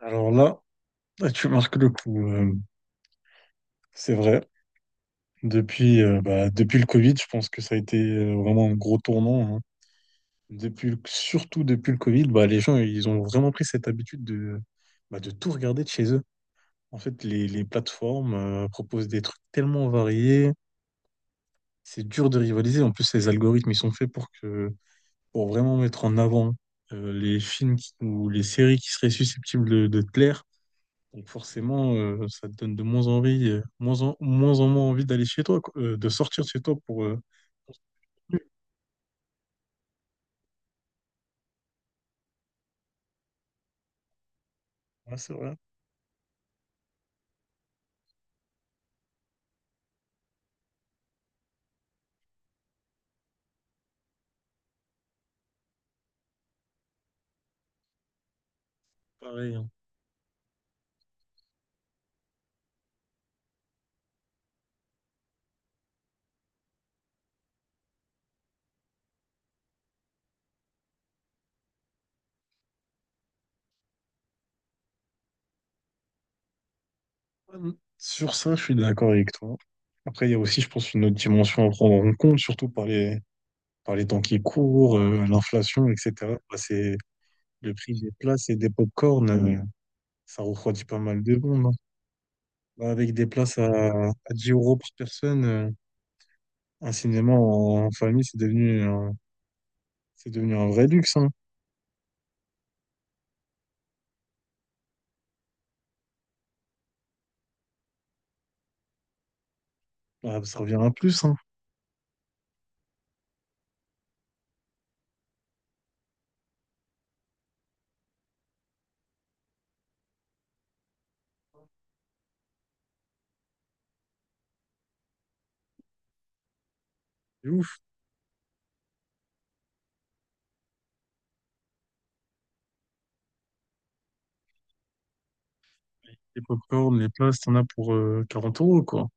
Alors là, là, tu marques le coup, c'est vrai. Depuis, depuis le Covid, je pense que ça a été vraiment un gros tournant, hein. Surtout depuis le Covid, bah, les gens, ils ont vraiment pris cette habitude de, bah, de tout regarder de chez eux. En fait, les plateformes proposent des trucs tellement variés, c'est dur de rivaliser. En plus, les algorithmes, ils sont faits pour vraiment mettre en avant les ou les séries qui seraient susceptibles de te plaire. Donc forcément, ça te donne de moins envie, moins en moins envie d'aller chez toi, quoi, de sortir de chez toi pour se promener. Ouais, c'est vrai, pareil, hein. Hum. Sur ça, je suis d'accord avec toi. Après, il y a aussi, je pense, une autre dimension à prendre en compte, surtout par par les temps qui courent, l'inflation, etc. Bah, c'est le prix des places et des pop-corn, ça refroidit pas mal de monde, hein. Bah, avec des places à 10 euros par personne, un cinéma en, en famille, c'est devenu un vrai luxe, hein. Ah, ça revient à plus, hein. C'est ouf. Les popcorn, les places, t'en as pour 40 euros, quoi.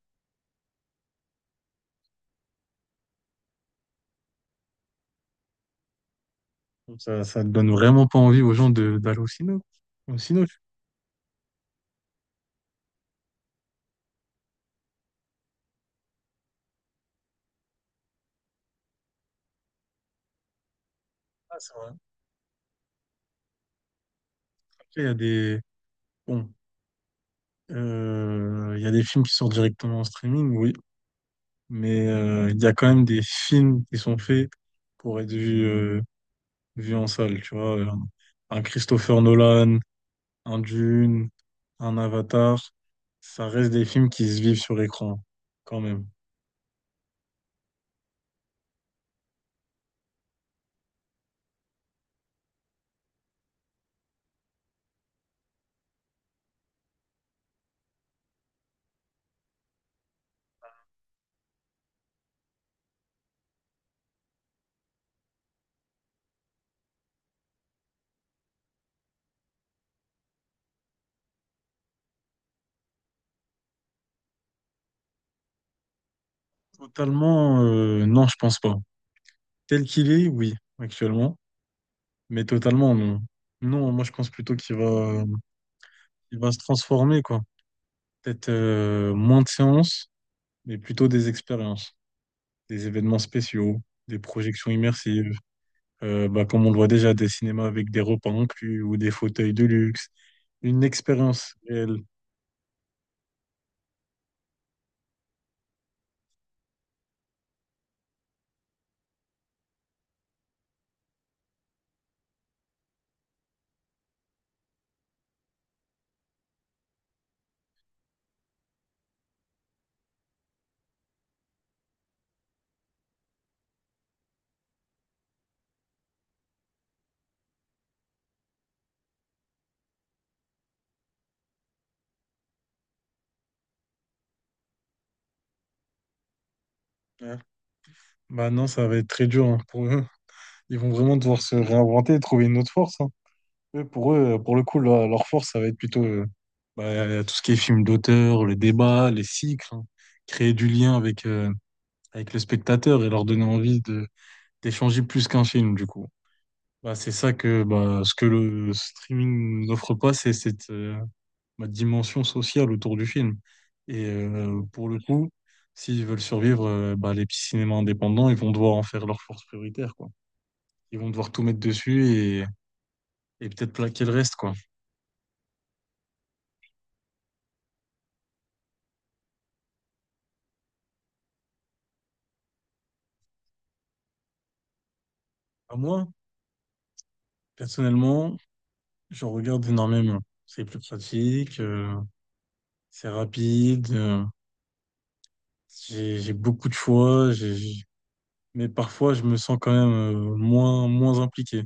Donc ça te donne vraiment pas envie aux gens de d'aller au cinéma. Au cinéma, je sais pas, c'est vrai. Après, il y a des... Bon, il y a des films qui sortent directement en streaming, oui. Mais il y a quand même des films qui sont faits pour être vus, vus en salle, tu vois. Un Christopher Nolan, un Dune, un Avatar. Ça reste des films qui se vivent sur l'écran, quand même. Totalement, non, je pense pas. Tel qu'il est, oui, actuellement, mais totalement, non. Non, moi, je pense plutôt il va se transformer, quoi. Peut-être moins de séances, mais plutôt des expériences, des événements spéciaux, des projections immersives, bah, comme on le voit déjà, des cinémas avec des repas inclus ou des fauteuils de luxe, une expérience réelle. Ouais. Bah non, ça va être très dur hein, pour eux. Ils vont vraiment devoir se réinventer, trouver une autre force, hein. Eux, pour le coup, leur force, ça va être plutôt bah, tout ce qui est film d'auteur, les débats, les cycles, hein. Créer du lien avec, avec le spectateur et leur donner envie de, d'échanger plus qu'un film, du coup. Bah, c'est ça que bah, ce que le streaming n'offre pas, c'est cette bah, dimension sociale autour du film. Et pour le coup, s'ils veulent survivre, bah, les petits cinémas indépendants, ils vont devoir en faire leur force prioritaire, quoi. Ils vont devoir tout mettre dessus et peut-être plaquer le reste, quoi. À moi, personnellement, je regarde énormément. C'est plus pratique, c'est rapide, j'ai beaucoup de choix, mais parfois je me sens quand même moins impliqué.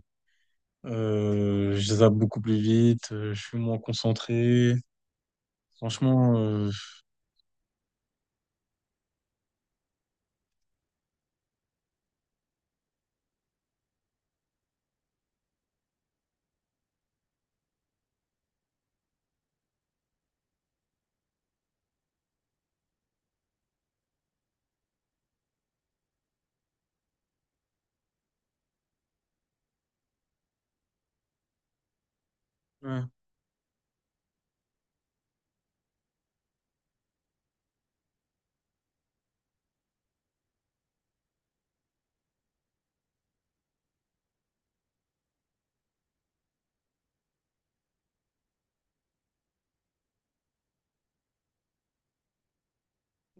Je zappe beaucoup plus vite, je suis moins concentré. Franchement, ouais,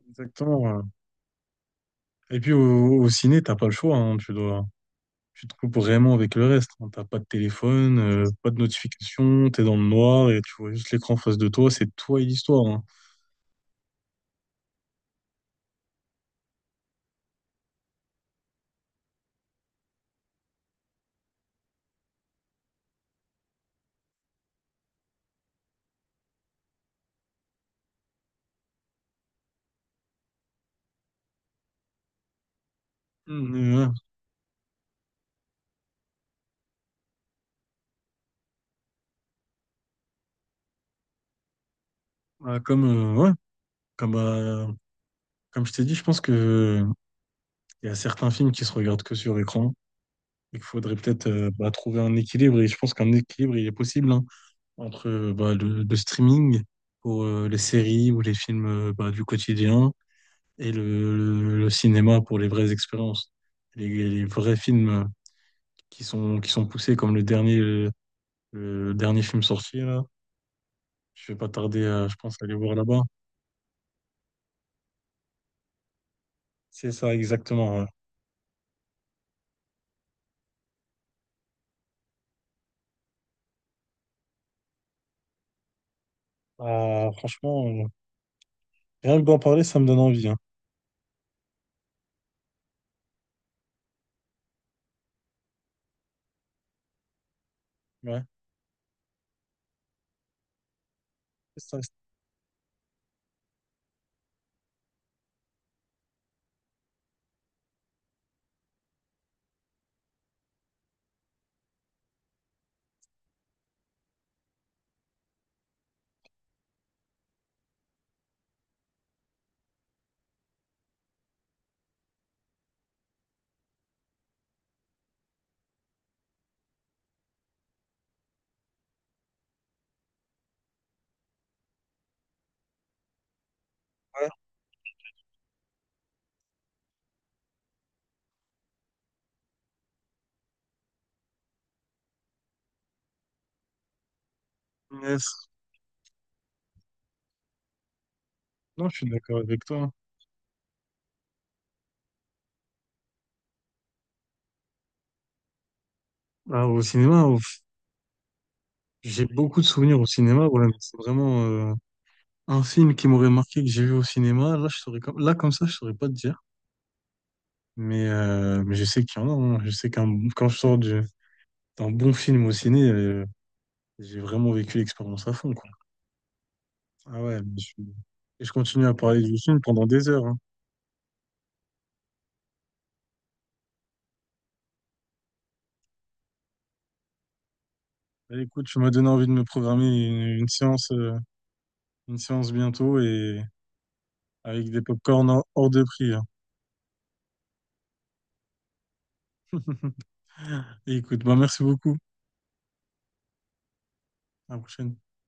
exactement, ouais. Et puis au ciné, t'as pas le choix, hein, tu te coupes vraiment avec le reste, hein. T'as pas de téléphone, pas de notification, t'es dans le noir et tu vois juste l'écran en face de toi, c'est toi et l'histoire, hein. Mm, ouais. Ouais, comme, euh, ouais. Comme, comme je t'ai dit, je pense que il y a certains films qui se regardent que sur écran et qu'il faudrait peut-être bah, trouver un équilibre. Et je pense qu'un équilibre, il est possible hein, entre bah, le streaming pour les séries ou les films bah, du quotidien et le cinéma pour les vraies expériences. Les vrais films qui sont poussés, comme le dernier film sorti, là. Je vais pas tarder à, je pense, à aller voir là-bas. C'est ça, exactement, ouais. Ah, franchement, rien que d'en parler, ça me donne envie, hein. Ouais. C'est un explorateur. Yes. Non, je suis d'accord avec toi. Ah, au cinéma, au- j'ai beaucoup de souvenirs au cinéma. Voilà, mais c'est vraiment un film qui m'aurait marqué que j'ai vu au cinéma. Là, comme ça, je saurais pas te dire. Mais je sais qu'il y en a, hein. Je sais qu'un quand je sors du- d'un bon film au ciné, j'ai vraiment vécu l'expérience à fond, quoi. Ah ouais, mais je suis- et je continue à parler du film pendant des heures, hein. Allez, écoute, tu m'as donné envie de me programmer une séance bientôt et avec des pop hors de prix, hein. Écoute, bah, merci beaucoup. À la prochaine.